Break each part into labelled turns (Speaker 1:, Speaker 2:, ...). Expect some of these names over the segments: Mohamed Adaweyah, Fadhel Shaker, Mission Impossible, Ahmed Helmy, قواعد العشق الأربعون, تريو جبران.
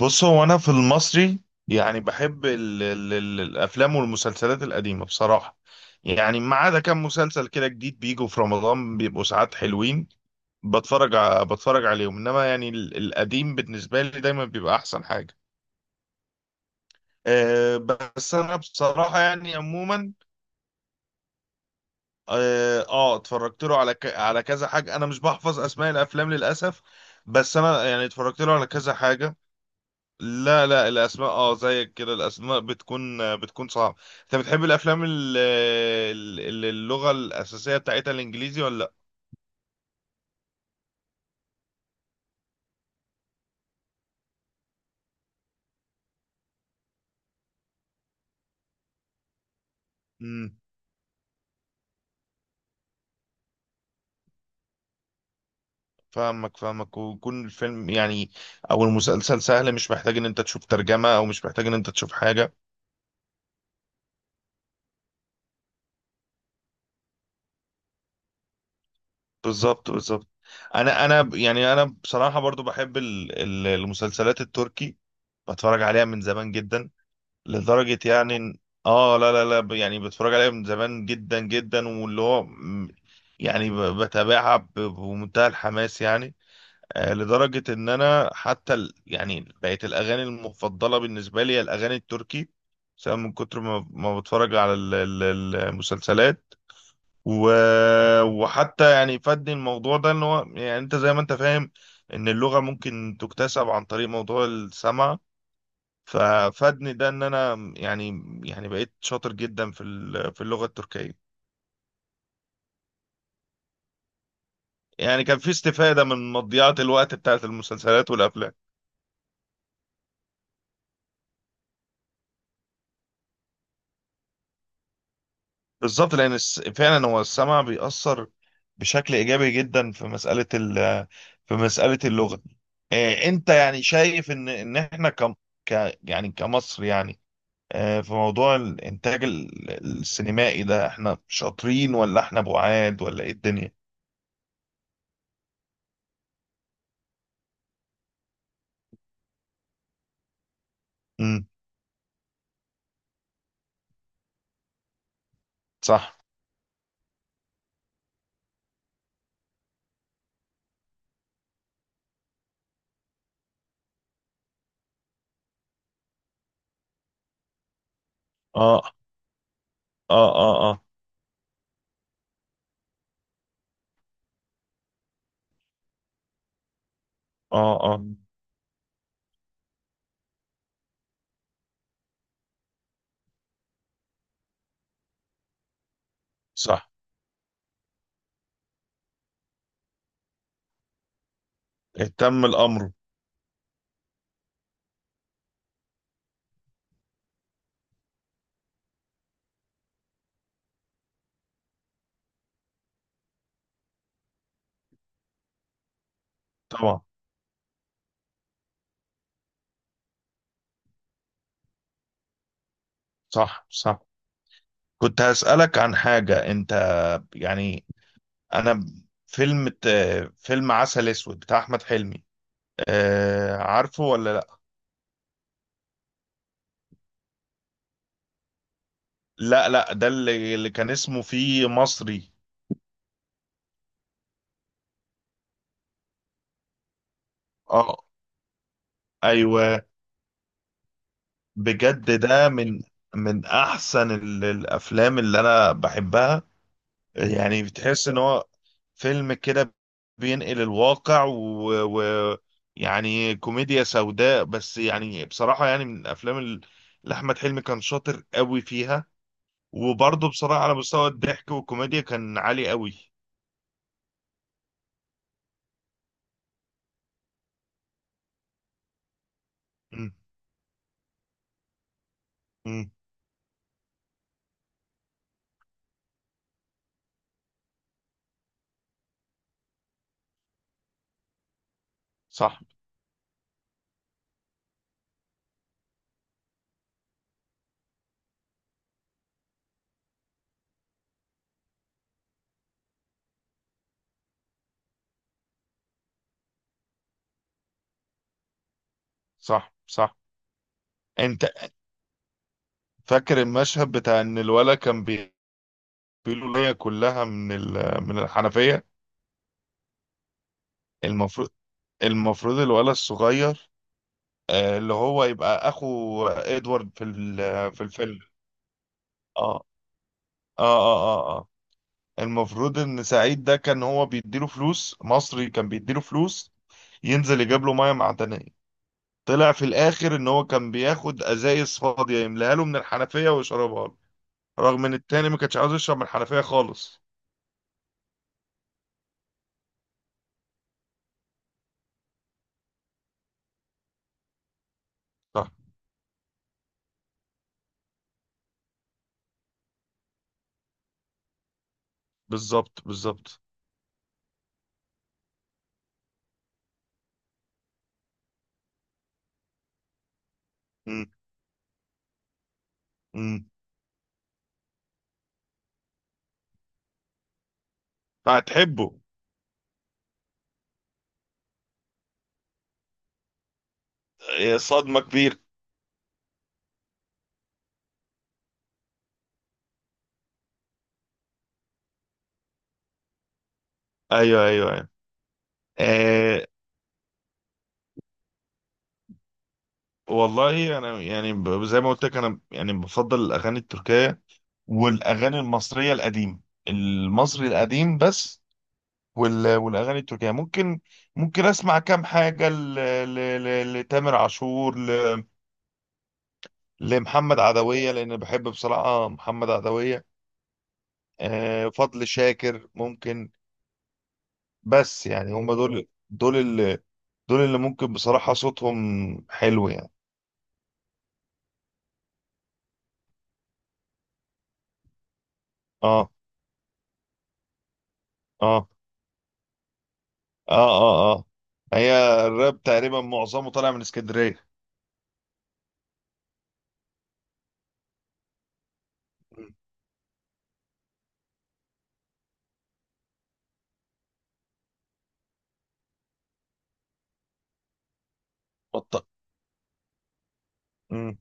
Speaker 1: بص، هو انا في المصري، يعني بحب ال ال ال الافلام والمسلسلات القديمه بصراحه. يعني ما عدا كام مسلسل كده جديد بيجوا في رمضان بيبقوا ساعات حلوين، بتفرج عليهم، انما يعني القديم بالنسبه لي دايما بيبقى احسن حاجه. أه. بس انا بصراحه يعني عموما، اه آه، اتفرجت له على كذا حاجه، انا مش بحفظ اسماء الافلام للاسف. بس انا يعني اتفرجت له على كذا حاجه. لا لا، الاسماء اه زيك كده الاسماء بتكون صعبه. انت بتحب الافلام اللغه الاساسيه بتاعتها الانجليزي ولا لا؟ امم. فاهمك فاهمك، ويكون الفيلم يعني او المسلسل سهل، مش محتاج ان انت تشوف ترجمه او مش محتاج ان انت تشوف حاجه. بالظبط بالظبط. يعني انا بصراحه برضو بحب المسلسلات التركي، بتفرج عليها من زمان جدا. لدرجة يعني إن- اه، لا لا لا، يعني بتفرج عليها من زمان جدا جدا، يعني بتابعها بمنتهى الحماس يعني. آه، لدرجة ان انا حتى يعني بقت الاغاني المفضلة بالنسبة لي هي الاغاني التركي، سواء من كتر ما بتفرج على المسلسلات و... وحتى يعني فادني الموضوع ده، ان هو يعني انت زي ما انت فاهم ان اللغة ممكن تكتسب عن طريق موضوع السمع. ففادني ده ان انا يعني بقيت شاطر جدا في اللغة التركية. يعني كان في استفادة من مضيعة الوقت بتاعت المسلسلات والافلام. بالظبط، لان فعلا هو السمع بيأثر بشكل ايجابي جدا في مسألة في مسألة اللغة. آه، انت يعني شايف ان احنا كم ك يعني كمصر يعني، آه، في موضوع الانتاج السينمائي ده، احنا شاطرين ولا احنا بعاد، ولا ايه الدنيا؟ امم. صح. اه اه اه اه. اه اه. صح. اهتم الامر. طبعا. صح صح. كنت هسألك عن حاجة. انت يعني، انا، فيلم فيلم عسل اسود بتاع احمد حلمي، آه، عارفه ولا لا؟ لا لا، ده اللي كان اسمه فيه مصري. اه. ايوه. بجد ده من احسن الافلام اللي انا بحبها. يعني بتحس ان هو فيلم كده بينقل الواقع و... يعني كوميديا سوداء، بس يعني بصراحة يعني من الافلام اللي احمد حلمي كان شاطر قوي فيها. وبرضه بصراحة على مستوى الضحك والكوميديا كان عالي قوي. مم. مم. صح. صح صح. انت فاكر المشهد بتاع ان الولد كان بيقولوا ليا كلها من من الحنفية. المفروض المفروض الولد الصغير، آه، اللي هو يبقى اخو ادوارد في الفيلم. اه اه اه اه اه. المفروض ان سعيد ده كان هو بيديله فلوس، مصري كان بيديله فلوس ينزل يجيب له ميه معدنيه. طلع في الاخر ان هو كان بياخد ازايز فاضيه، يملاها له من الحنفيه ويشربها له، رغم ان التاني ما كانش عاوز يشرب من الحنفيه خالص. صح. بالظبط بالظبط. امم. امم. فهتحبه. آه، صدمه كبيره. ايوه ايوه ايوه. آه، والله انا يعني زي ما قلت لك، انا يعني بفضل الاغاني التركيه والاغاني المصريه القديمه، المصري القديم بس. والاغاني التركيه ممكن اسمع كام حاجه لتامر عاشور، لمحمد عدويه، لان بحب بصراحه محمد عدويه. آه، فضل شاكر ممكن. بس يعني هم دول اللي ممكن بصراحه صوتهم حلو يعني. اه اه اه اه. اه. هي الراب تقريبا معظمه طالع من اسكندريه. مم. بط... مم.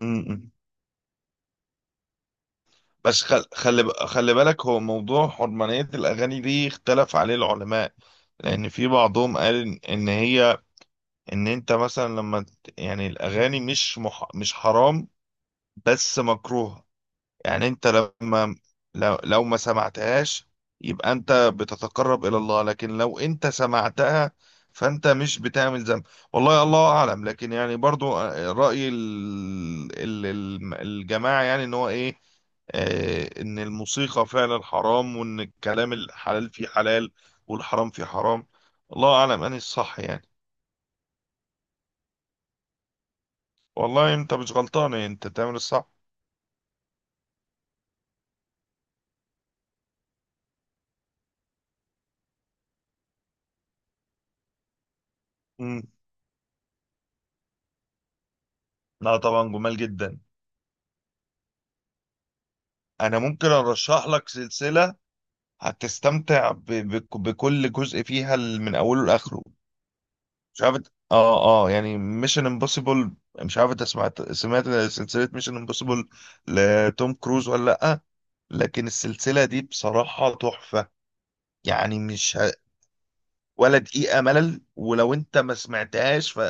Speaker 1: مم. مم. بس خلي بالك، هو موضوع حرمانية الأغاني دي اختلف عليه العلماء. لأن في بعضهم قال إن إن هي إن أنت مثلا يعني الأغاني مش حرام، بس مكروه. يعني انت لو ما سمعتهاش يبقى انت بتتقرب الى الله، لكن لو انت سمعتها فانت مش بتعمل ذنب. والله الله اعلم. لكن يعني برضو، آه، رأي الجماعة يعني، ان هو ايه، آه، ان الموسيقى فعلا حرام، وان الكلام الحلال فيه حلال والحرام فيه حرام. الله اعلم اني الصح يعني. والله انت مش غلطان، انت تعمل الصح. مم. لا طبعا، جمال جدا. انا ممكن ارشح لك سلسلة هتستمتع بكل جزء فيها من اوله لاخره. مش عارف يعني ميشن امبوسيبل، مش عارف انت سمعت سلسله ميشن امبوسيبل لتوم كروز ولا لا؟ لكن السلسله دي بصراحه تحفه، يعني مش ه... ولا دقيقه ملل. ولو انت ما سمعتهاش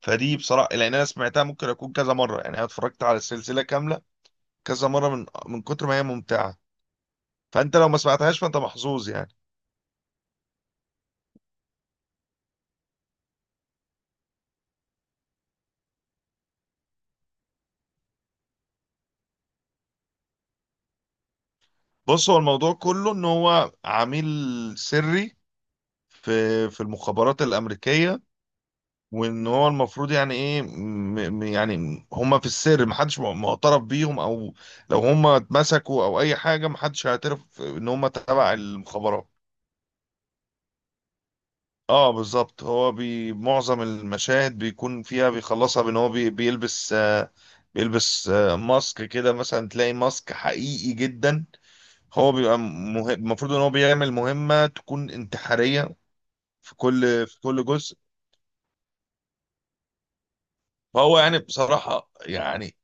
Speaker 1: فدي بصراحه، لان انا سمعتها ممكن اكون كذا مره، يعني انا اتفرجت على السلسله كامله كذا مره، من كتر ما هي ممتعه. فانت لو ما سمعتهاش فانت محظوظ يعني. بص، هو الموضوع كله ان هو عميل سري في في المخابرات الامريكيه، وان هو المفروض، يعني ايه، يعني هم في السر محدش معترف بيهم، او لو هم اتمسكوا او اي حاجه محدش هيعترف ان هم تبع المخابرات. اه، بالظبط. هو معظم المشاهد بيكون فيها بيخلصها بان هو بيلبس، بيلبس ماسك كده، مثلا تلاقي ماسك حقيقي جدا. هو بيبقى المفروض ان هو بيعمل مهمة تكون انتحارية في كل جزء. فهو يعني بصراحة يعني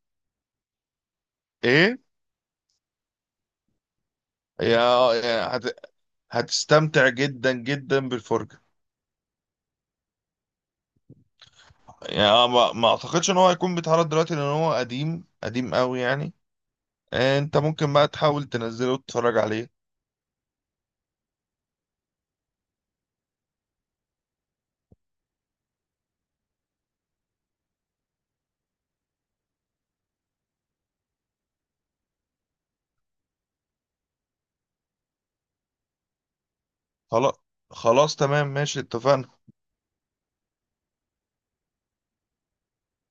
Speaker 1: ايه، يا يا هت هتستمتع جدا جدا بالفرجة. يعني ما اعتقدش ان هو هيكون بيتعرض دلوقتي، لان هو قديم قديم قوي يعني. إيه، انت ممكن بقى تحاول تنزله وتتفرج عليه. خلاص خلاص، تمام ماشي، اتفقنا.